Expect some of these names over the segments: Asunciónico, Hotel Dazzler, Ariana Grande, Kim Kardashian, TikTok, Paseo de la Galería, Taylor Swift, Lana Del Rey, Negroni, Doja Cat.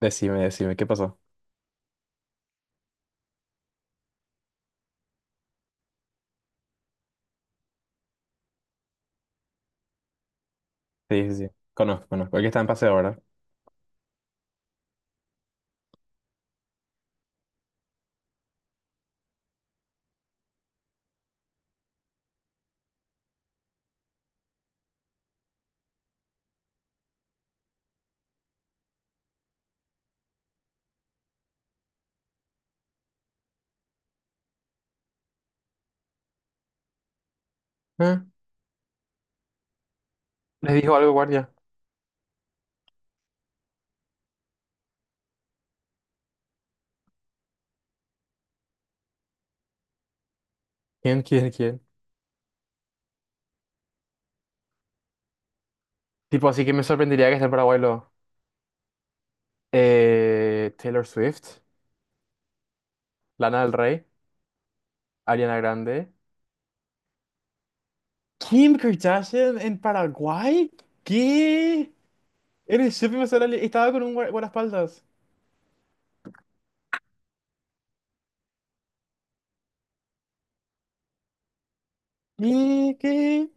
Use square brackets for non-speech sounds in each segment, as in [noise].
Decime, decime, ¿qué pasó? Sí, sí, sí. Conozco, conozco. El que está en paseo, ¿verdad? Ah, les dijo algo, guardia. ¿Quién, quién, quién? Tipo, así que me sorprendería que esté en Paraguay Taylor Swift, Lana del Rey, Ariana Grande. ¿Kim Kardashian en Paraguay? ¿Qué? En el shopping estaba con un guardaespaldas. ¿Qué? ¿Qué?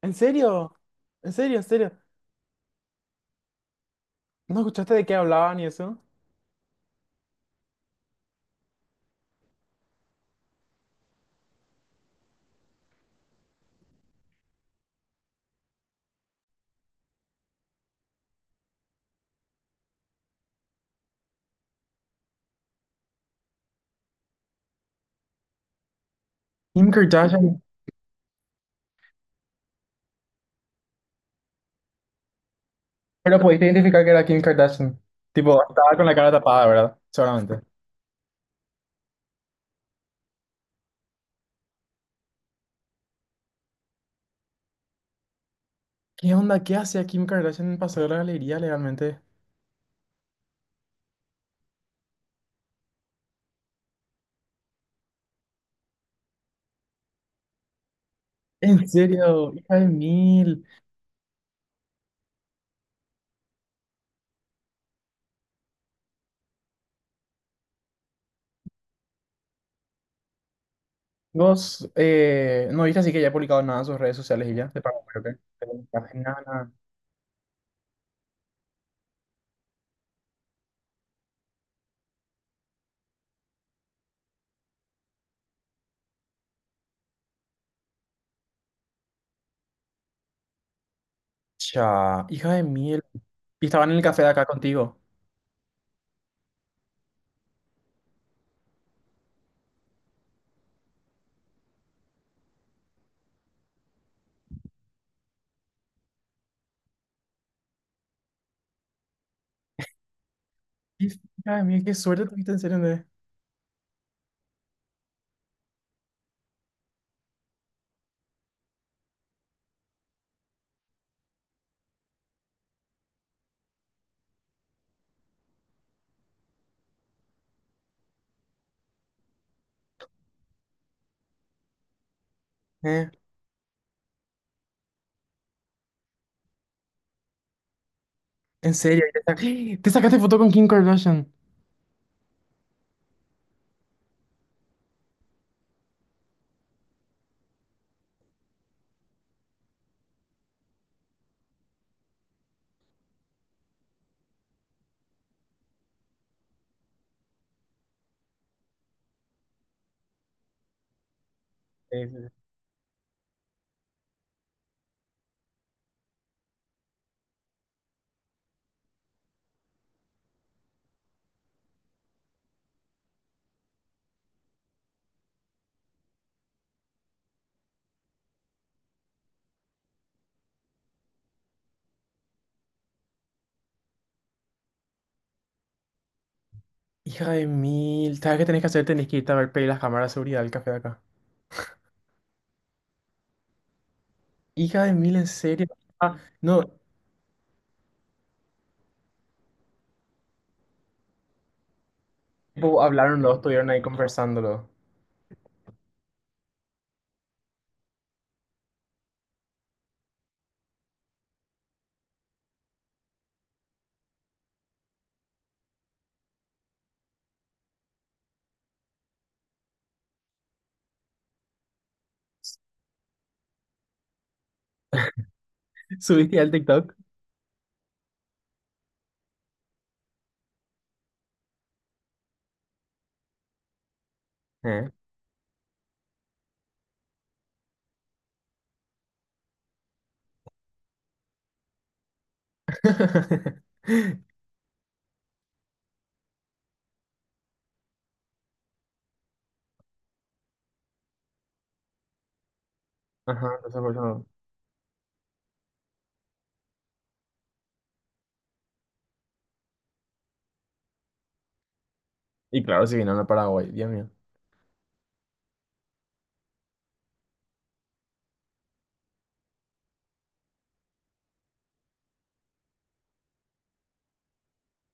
¿En serio? ¿En serio? ¿En serio? ¿No escuchaste de qué hablaban y eso? Kim Kardashian. Pero pudiste identificar que era Kim Kardashian. Tipo, estaba con la cara tapada, ¿verdad? Seguramente. ¿Qué onda? ¿Qué hacía Kim Kardashian en el Paseo de la Galería legalmente? En serio, hija de mil. Vos, no viste así que ya ha publicado nada en sus redes sociales y ya. De pago, creo que. Nada, nada. Cha, hija de mil. Y estaban en el café de acá contigo. Hija de mil, qué suerte tuviste en serio, ¿entendés? Eh, en serio, y te, [gasps] te sacaste foto con Kim Kardashian. Sí, sí, hija de mil, ¿sabes qué tenés que hacer? Tenés que irte a ver pedir las cámaras de seguridad del café de acá. Hija de mil, en serio. Ah, no, tipo, hablaron los, estuvieron ahí conversándolo. ¿Subiste al TikTok? ¿Eh? [laughs] Ajá, entonces por eso. No. Y claro, si vinieron a Paraguay, Dios mío.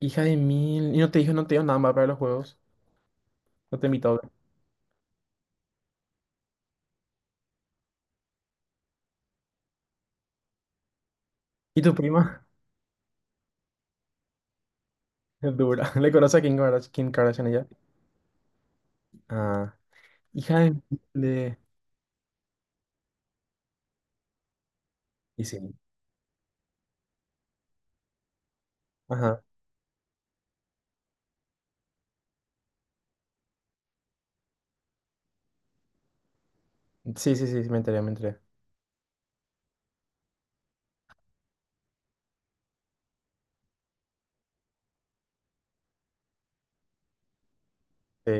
Hija de mil, y no te dijo, no te dio nada más para los juegos. No te invitó. ¿Y tu prima? [laughs] Es dura. ¿Le conoce a Kim Kardashian, Kim Kardashian ella? Ah, hija de mil. Y sí. Ajá. Sí, sí, sí, sí, me enteré, me enteré. Sí.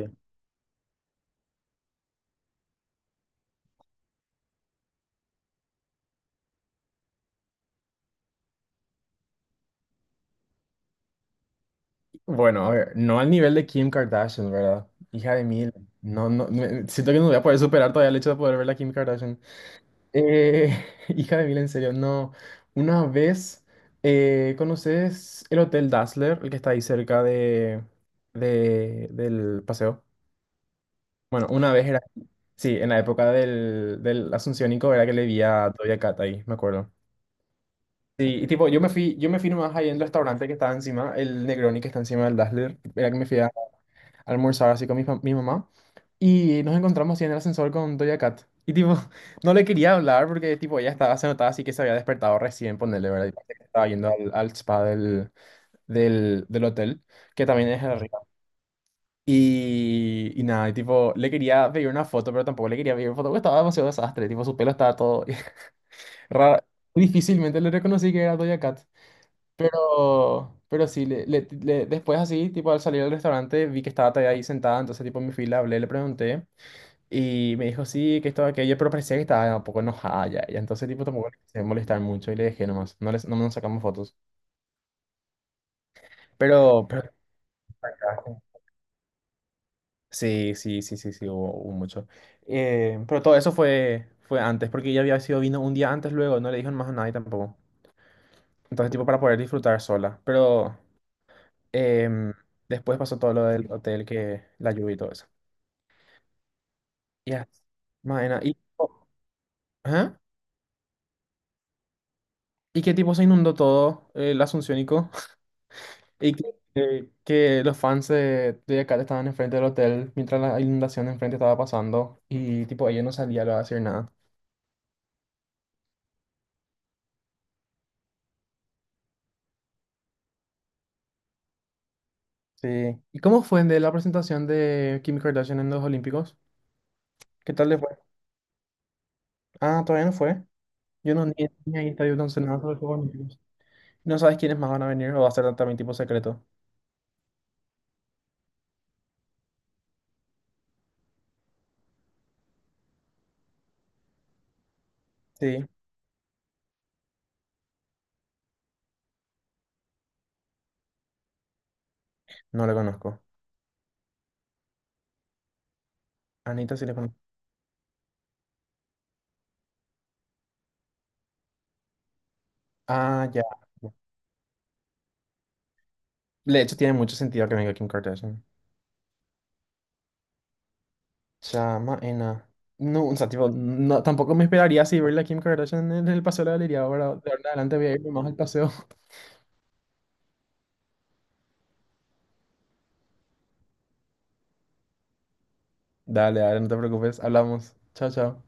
Bueno, a ver, no al nivel de Kim Kardashian, ¿verdad? Hija de mil. No, no, siento que no voy a poder superar todavía el hecho de poder ver a Kim Kardashian. [laughs] Hija de mil, en serio, no. Una vez, ¿conoces el Hotel Dazzler, el que está ahí cerca de, del paseo? Bueno, una vez era, sí, en la época del Asunciónico era que le vi a Doja Cat ahí, me acuerdo. Sí, y tipo, yo me fui nomás ahí en el restaurante que estaba encima, el Negroni que está encima del Dazzler, era que me fui a almorzar así con mi, mi mamá. Y nos encontramos así en el ascensor con Doja Cat. Y tipo, [laughs] no le quería hablar porque tipo ella estaba, se notaba así que se había despertado recién, ponerle, ¿verdad? Y parece que estaba yendo al, al spa del, del hotel, que también es arriba. Y nada, y tipo, le quería pedir una foto, pero tampoco le quería pedir foto porque estaba demasiado desastre. Tipo, su pelo estaba todo [laughs] raro. Difícilmente le reconocí que era Doja Cat. Pero sí, después así, tipo al salir del restaurante, vi que estaba todavía ahí sentada, entonces tipo en mi fila hablé, le pregunté y me dijo sí, que estaba aquello, pero parecía que estaba un poco enojada ya, y entonces tipo tampoco le quise molestar mucho y le dejé nomás, no, no nos sacamos fotos. Pero sí, sí, sí, sí, sí, hubo, hubo mucho. Pero todo eso fue, fue antes, porque ella había sido vino un día antes luego, no le dijeron más a nadie tampoco. Entonces tipo para poder disfrutar sola, pero em, después pasó todo lo del hotel, que la lluvia y todo eso. Ya, Maena. ¿Y, ajá. ¿Y qué tipo se inundó todo el Asunciónico? [laughs] ¿Y que los fans de acá estaban enfrente del hotel mientras la inundación de enfrente estaba pasando? Y tipo, ella no salía a hacer nada. Sí. ¿Y cómo fue de la presentación de Kim Kardashian en los Olímpicos? ¿Qué tal le fue? Ah, todavía no fue. Yo no ni, ni ahí está, yo no sé nada sobre los Juegos Olímpicos. ¿No sabes quiénes más van a venir o va a ser también tipo secreto? Sí. No le conozco. Anita sí le conozco. Ah, ya. De hecho, tiene mucho sentido que venga Kim Kardashian. Chamaena. No, o sea, tipo, no, tampoco me esperaría así verla a Kim Kardashian en el paseo de la galería. Ahora, de ahora en adelante voy a irme más al paseo. [laughs] Dale, dale, no te preocupes. Hablamos. Chao, chao.